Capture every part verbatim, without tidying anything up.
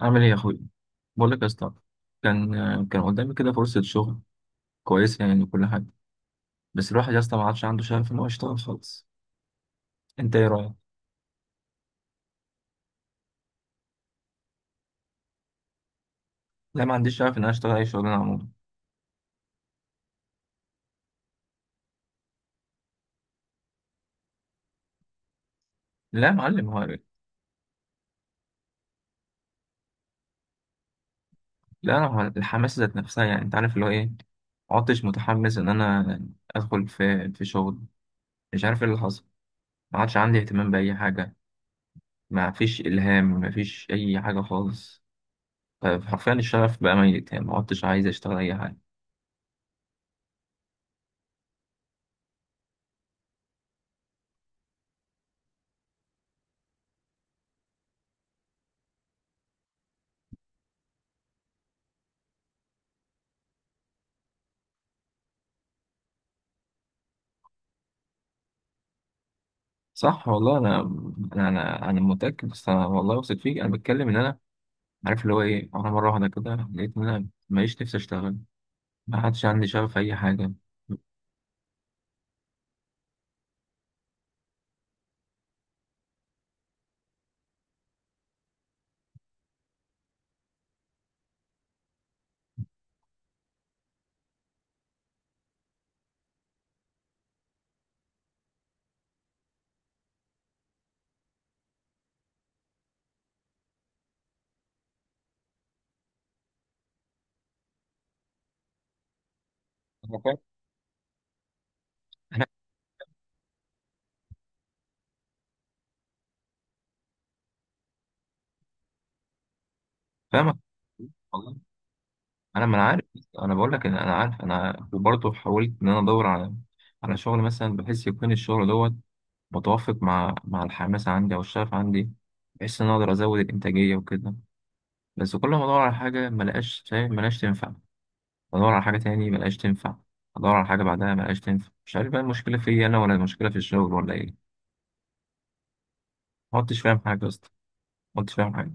عامل ايه يا اخويا؟ بقول لك يا اسطى، كان كان قدامي كده فرصه شغل كويسه يعني وكل حاجه، بس الواحد يا اسطى ما عادش عنده شغف ان هو يشتغل خالص. انت ايه رايك؟ لا، ما عنديش شغف ان انا اشتغل اي شغلانه عموما. لا يا معلم، هو لا، انا هو الحماس ذات نفسها، يعني انت عارف اللي هو ايه، ما عدتش متحمس ان انا ادخل في في شغل. مش عارف ايه اللي حصل، ما عادش عندي اهتمام باي حاجه، ما فيش الهام، ما فيش اي حاجه خالص. ف- فحرفيا الشغف بقى ميت، يعني ما عدتش عايز اشتغل اي حاجه. صح والله، انا انا انا أنا متاكد، بس انا والله واثق فيك، انا بتكلم ان انا عارف اللي هو ايه. انا مره واحده كده لقيت ان انا ماليش نفسي اشتغل، ما حدش عندي شغف في اي حاجه. أنا فاهم. انا فاهمك والله، انا ما انا عارف. انا بقول لك ان انا عارف انا، وبرضه حاولت ان انا ادور على على شغل مثلا، بحيث يكون الشغل دوت متوافق مع مع الحماس عندي او الشغف عندي، بحيث ان أنا اقدر ازود الانتاجيه وكده. بس كل ما ادور على حاجه ما لقاش ما لقاش تنفع، بدور على حاجة تاني ملقاش تنفع، بدور على حاجة بعدها ملقاش تنفع. مش عارف بقى المشكلة فيا أنا ولا المشكلة في الشغل ولا إيه. ما كنتش فاهم حاجة يا اسطى، ما كنتش فاهم حاجة.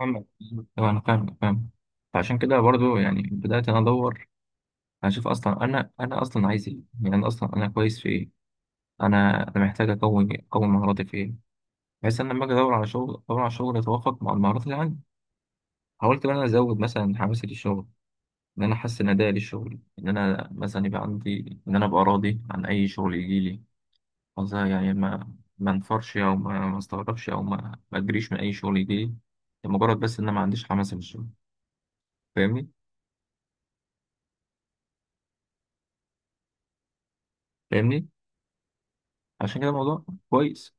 محمد، أيوة أنا فاهم فاهم. فعشان كده برضو يعني بدأت أنا أدور، أشوف أصلا أنا أنا أصلا عايز إيه يعني، أنا أصلا أنا كويس في إيه، أنا أنا محتاج أكون إيه؟ أكون مهاراتي في إيه، بحيث إن لما أجي أدور على شغل أدور على شغل يتوافق مع المهارات اللي عندي. حاولت إن أنا أزود مثلا حماسي للشغل، إن أنا أحسن أدائي للشغل، إن أنا مثلا يبقى عندي إن أنا أبقى راضي عن أي شغل يجيلي. قصدها يعني ما ما انفرش، او ما ما استغربش، او ما ما اجريش من اي شغل يجي لي، لمجرد بس ان انا ما عنديش حماسه في الشغل. فاهمني؟ فاهمني؟ عشان كده الموضوع كويس.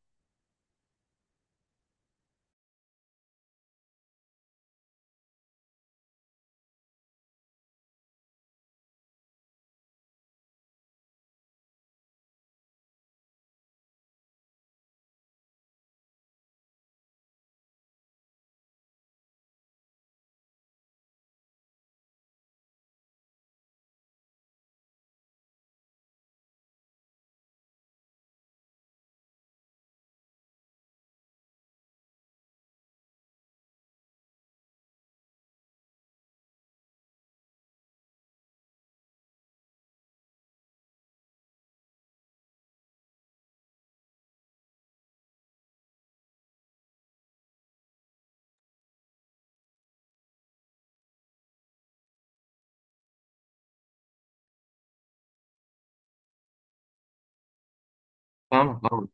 فاهمك أوي.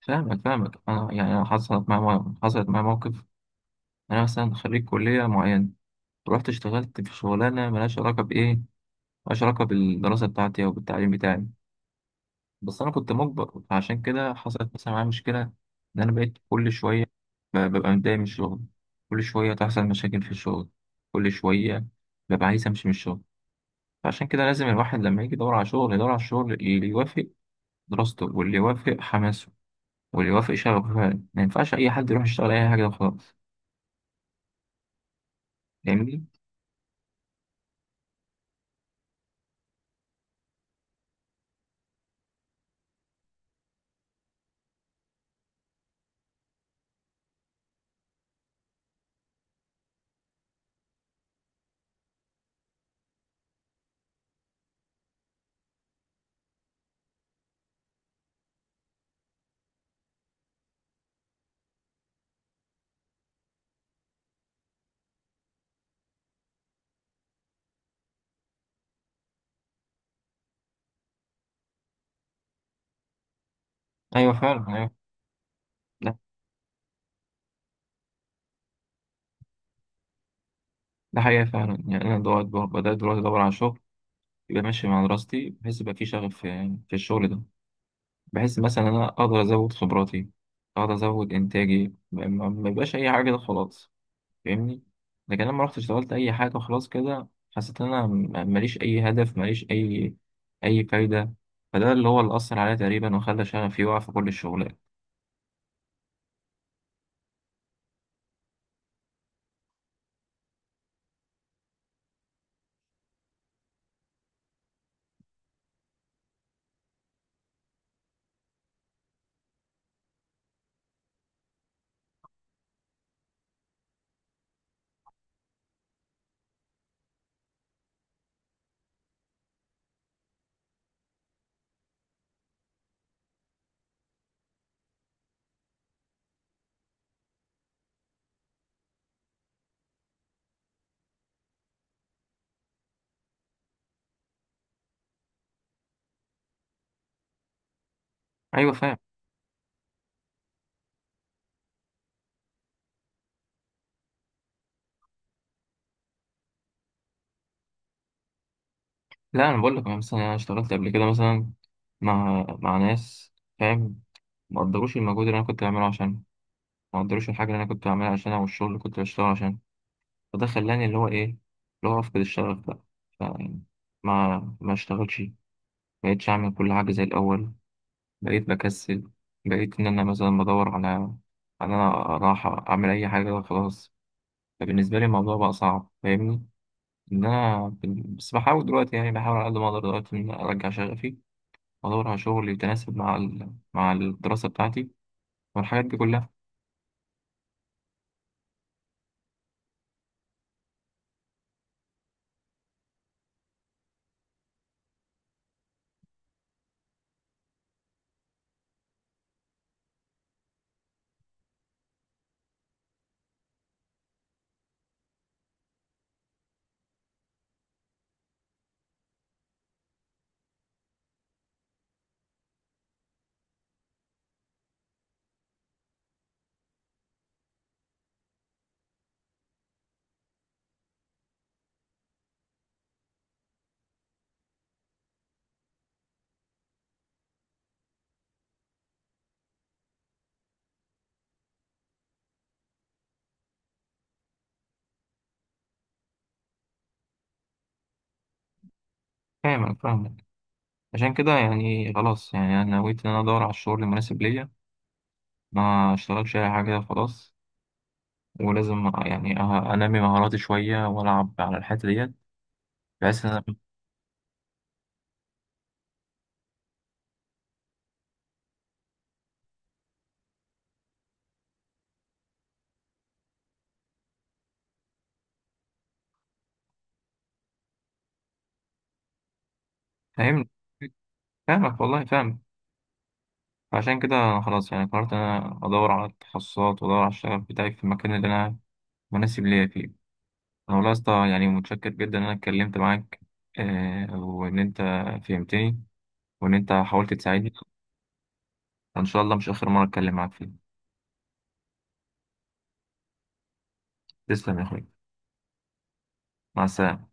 فاهمك فاهمك، انا يعني أنا حصلت معايا، حصلت معايا موقف. انا مثلا خريج كليه معينه، رحت اشتغلت في شغلانه ملهاش علاقه بايه، ملهاش علاقه بالدراسه بتاعتي او بالتعليم بتاعي. بس انا كنت مجبر، فعشان كده حصلت مثلا معايا مشكله. ان انا بقيت كل شويه ب- ببقى متضايق من الشغل، كل شويه تحصل مشاكل في الشغل، كل شويه ببقى عايز امشي من الشغل. فعشان كده لازم الواحد لما يجي يدور على شغل، يدور على الشغل اللي يوافق دراسته، واللي يوافق حماسه، واللي يوافق شغفه فعلا. ما ينفعش اي حد يروح يشتغل اي حاجه وخلاص. فاهمني؟ ايوه فعلا، ايوه. ده ده حقيقه فعلا. يعني انا دلوقتي بدات دلوقتي ادور على شغل يبقى ماشي مع دراستي، بحيث يبقى في شغف في في الشغل ده، بحيث مثلا انا اقدر ازود خبراتي، اقدر ازود انتاجي، ما ما- ما يبقاش اي حاجه كده خلاص. فاهمني؟ لكن انا لما رحت اشتغلت اي حاجه خلاص كده، حسيت ان انا م- ماليش اي هدف، ماليش اي اي فايده. فده اللي هو اللي اثر عليا تقريبا وخلى شغفي يقع في كل الشغلات. ايوه فاهم. لا انا بقول لك، أنا مثلا انا اشتغلت قبل كده مثلا مع مع ناس فاهم، ما قدروش المجهود اللي انا كنت بعمله عشان، ما قدروش الحاجه اللي انا كنت بعملها عشانها، والشغل اللي كنت بشتغله عشان. فده خلاني اللي هو ايه، اللي هو افقد الشغف بقى. فيعني ما ما اشتغلش، بقيتش اعمل كل حاجه زي الاول، بقيت بكسل، بقيت ان انا مثلا بدور على ان انا راحه اعمل اي حاجه خلاص. فبالنسبه لي الموضوع بقى صعب. فاهمني؟ ان انا ب- بس بحاول دلوقتي، يعني بحاول على قد ما اقدر دلوقتي ان أنا ارجع شغفي، وادور على شغل يتناسب مع ال... مع الدراسه بتاعتي والحاجات دي كلها. فاهم. انا فاهمك. عشان كده يعني خلاص، يعني انا نويت ان انا ادور على الشغل المناسب ليا، ما اشتغلش اي حاجه كده خلاص. ولازم يعني أه- انمي مهاراتي شويه والعب على الحته ديت، بحيث ان انا. فاهم. فاهمك والله، فاهم. فعشان كده أنا خلاص يعني قررت ان انا ادور على التخصصات، وادور على الشغف بتاعي في المكان اللي انا مناسب ليا فيه. انا والله يا اسطى يعني متشكر جدا ان انا اتكلمت معاك، آه، وان انت فهمتني، وان انت حاولت تساعدني. وان شاء الله مش اخر مره اتكلم معاك فيه. تسلم يا اخوي، مع السلامه.